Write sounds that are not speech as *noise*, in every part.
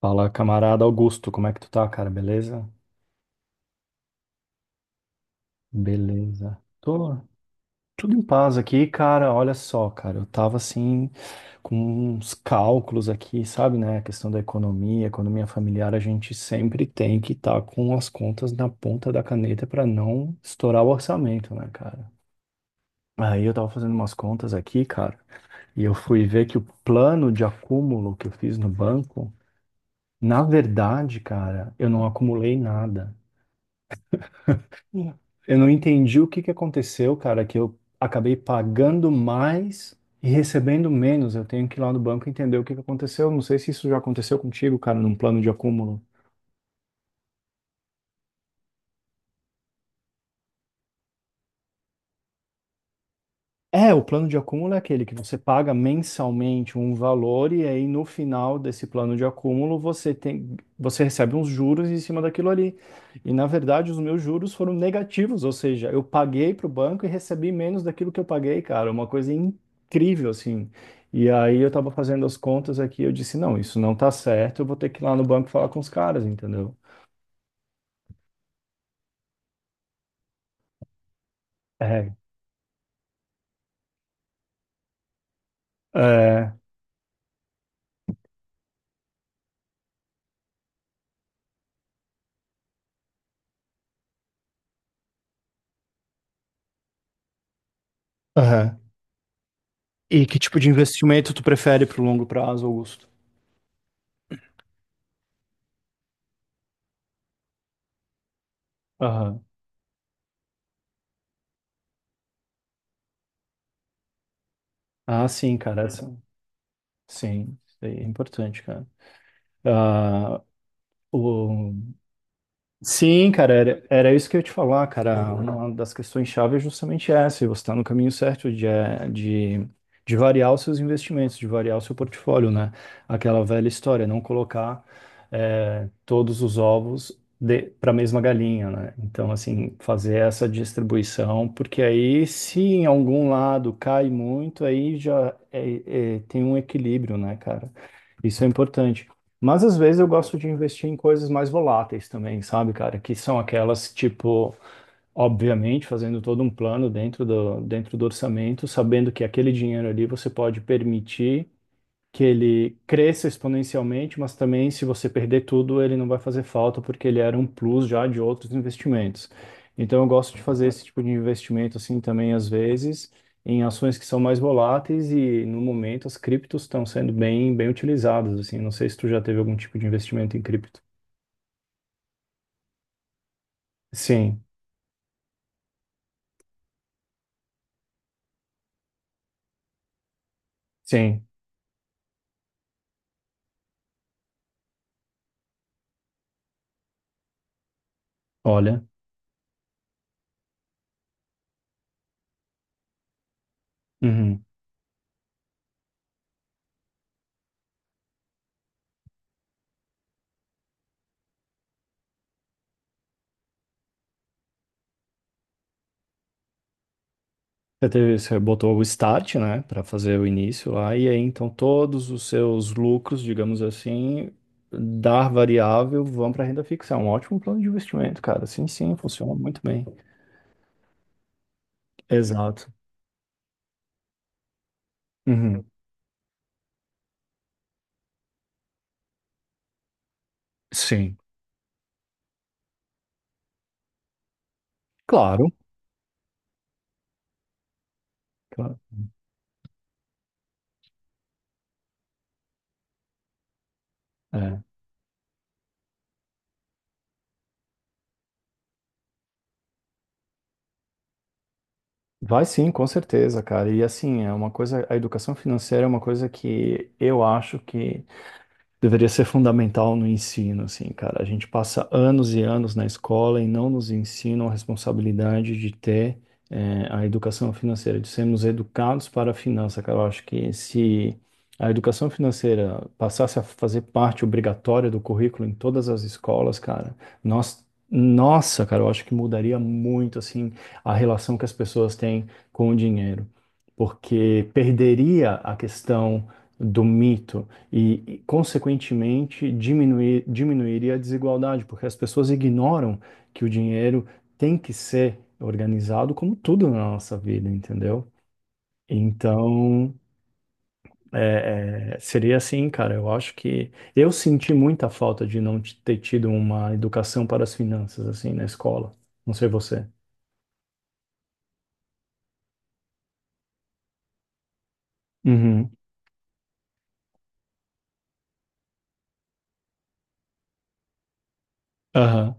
Fala, camarada Augusto, como é que tu tá, cara? Beleza? Beleza. Tô tudo em paz aqui, cara. Olha só, cara, eu tava assim com uns cálculos aqui, sabe, né? A questão da economia, economia familiar, a gente sempre tem que estar com as contas na ponta da caneta pra não estourar o orçamento, né, cara? Aí eu tava fazendo umas contas aqui, cara, e eu fui ver que o plano de acúmulo que eu fiz no banco, na verdade, cara, eu não acumulei nada. Uhum. Eu não entendi o que que aconteceu, cara, que eu acabei pagando mais e recebendo menos. Eu tenho que ir lá no banco entender o que que aconteceu. Não sei se isso já aconteceu contigo, cara, num plano de acúmulo. É, o plano de acúmulo é aquele que você paga mensalmente um valor e aí no final desse plano de acúmulo você tem, você recebe uns juros em cima daquilo ali. E na verdade os meus juros foram negativos, ou seja, eu paguei para o banco e recebi menos daquilo que eu paguei, cara, é uma coisa incrível assim. E aí eu estava fazendo as contas aqui, eu disse, não, isso não tá certo, eu vou ter que ir lá no banco falar com os caras, entendeu? É, é, aham. E que tipo de investimento tu prefere para o longo prazo, Augusto? Ah, sim, cara. Sim, isso aí é importante, cara. Ah, o, Sim, cara, era isso que eu ia te falar, cara. Uma das questões chave é justamente essa. Você está no caminho certo de, de variar os seus investimentos, de variar o seu portfólio, né? Aquela velha história, não colocar todos os ovos para a mesma galinha, né? Então, assim, fazer essa distribuição, porque aí, se em algum lado cai muito, aí já tem um equilíbrio, né, cara? Isso é importante. Mas às vezes eu gosto de investir em coisas mais voláteis também, sabe, cara? Que são aquelas, tipo, obviamente, fazendo todo um plano dentro dentro do orçamento, sabendo que aquele dinheiro ali você pode permitir que ele cresça exponencialmente, mas também se você perder tudo, ele não vai fazer falta porque ele era um plus já de outros investimentos. Então eu gosto de fazer esse tipo de investimento assim também às vezes em ações que são mais voláteis e no momento as criptos estão sendo bem utilizadas assim. Não sei se tu já teve algum tipo de investimento em cripto. Sim, sim. Olha. Uhum. Você teve, você botou o start, né, para fazer o início lá, e aí então todos os seus lucros, digamos assim, da variável vão para renda fixa. É um ótimo plano de investimento, cara. Sim, sim, funciona muito bem. Exato. Uhum. Sim. Claro, claro. É. Vai sim, com certeza, cara. E assim, é uma coisa, a educação financeira é uma coisa que eu acho que deveria ser fundamental no ensino, assim, cara. A gente passa anos e anos na escola e não nos ensinam a responsabilidade de ter, a educação financeira, de sermos educados para a finança, cara. Eu acho que se a educação financeira passasse a fazer parte obrigatória do currículo em todas as escolas, cara, nós Nossa, cara, eu acho que mudaria muito assim a relação que as pessoas têm com o dinheiro, porque perderia a questão do mito e, consequentemente, diminuiria a desigualdade, porque as pessoas ignoram que o dinheiro tem que ser organizado como tudo na nossa vida, entendeu? Então, seria assim, cara. Eu acho que eu senti muita falta de não t- ter tido uma educação para as finanças, assim, na escola. Não sei você. Uhum. Aham,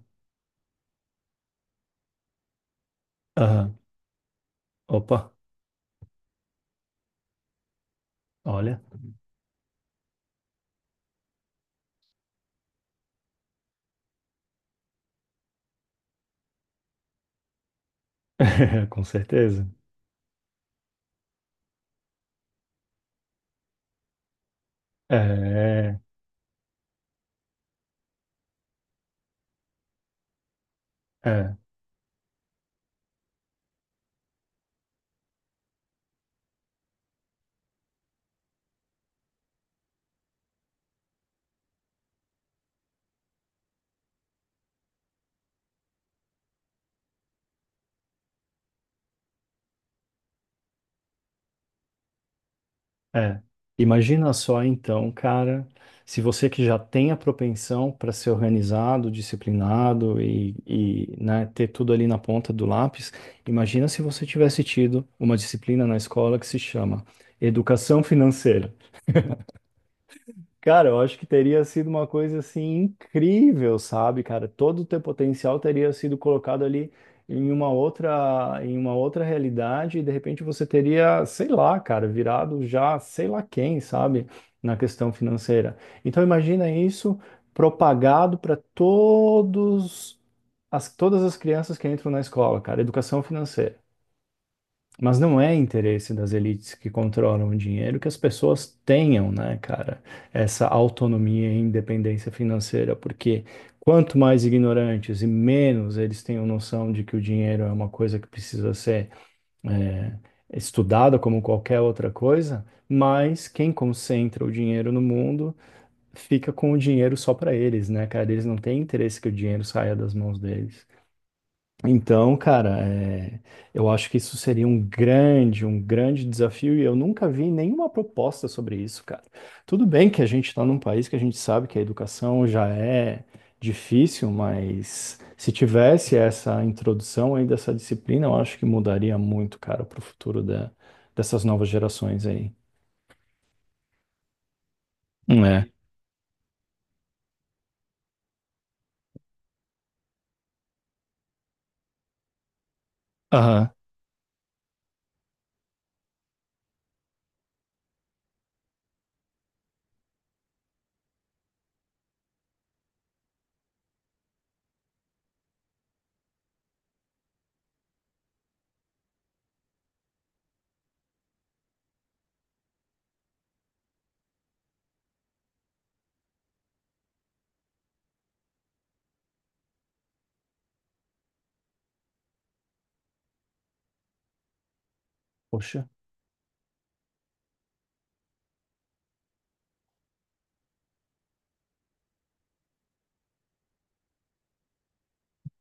aham. Opa, olha. *laughs* Com certeza. É, é. É. Imagina só então, cara, se você que já tem a propensão para ser organizado, disciplinado e, né, ter tudo ali na ponta do lápis, imagina se você tivesse tido uma disciplina na escola que se chama Educação Financeira. Cara, eu acho que teria sido uma coisa assim incrível, sabe, cara? Todo o teu potencial teria sido colocado ali em uma outra realidade e de repente você teria, sei lá, cara, virado já sei lá quem, sabe, na questão financeira. Então imagina isso propagado para todos as, todas as crianças que entram na escola, cara, educação financeira. Mas não é interesse das elites que controlam o dinheiro que as pessoas tenham, né, cara, essa autonomia e independência financeira, porque quanto mais ignorantes e menos eles tenham noção de que o dinheiro é uma coisa que precisa ser é, estudada como qualquer outra coisa, mais quem concentra o dinheiro no mundo fica com o dinheiro só para eles, né, cara? Eles não têm interesse que o dinheiro saia das mãos deles. Então, cara, eu acho que isso seria um grande desafio e eu nunca vi nenhuma proposta sobre isso, cara. Tudo bem que a gente está num país que a gente sabe que a educação já é difícil, mas se tivesse essa introdução aí dessa disciplina, eu acho que mudaria muito, cara, para o futuro dessas novas gerações aí. É. Aham. Poxa.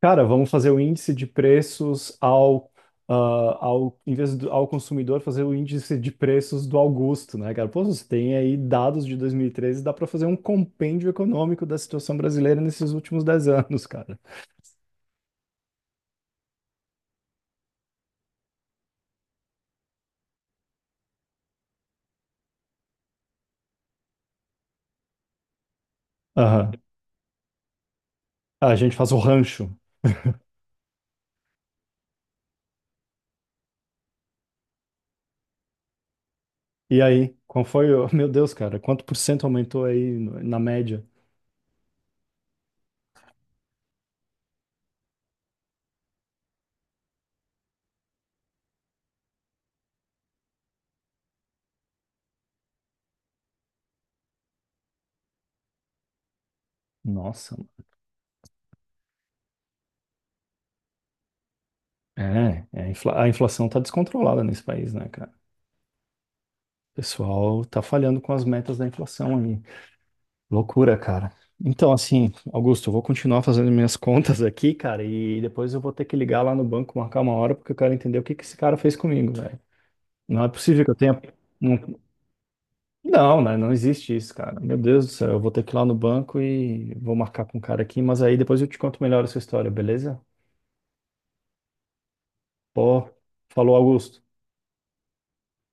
Cara, vamos fazer o índice de preços ah, ao, ao consumidor, fazer o índice de preços do Augusto, né, cara? Pô, você tem aí dados de 2013. Dá para fazer um compêndio econômico da situação brasileira nesses últimos 10 anos, cara. Aham. Ah, a gente faz o rancho. E aí, qual foi o... *laughs* Meu Deus, cara, quanto por cento aumentou aí no- na média? Nossa, mano. É, é, a inflação tá descontrolada nesse país, né, cara? O pessoal tá falhando com as metas da inflação. Loucura, cara. Então, assim, Augusto, eu vou continuar fazendo minhas *laughs* contas aqui, cara, e depois eu vou ter que ligar lá no banco, marcar uma hora, porque eu quero entender o que que esse cara fez comigo, velho. Não é possível que eu tenha. Não, não, né? Não existe isso, cara. Meu Deus do céu, eu vou ter que ir lá no banco e vou marcar com o cara aqui, mas aí depois eu te conto melhor essa história, beleza? Pô, falou, Augusto.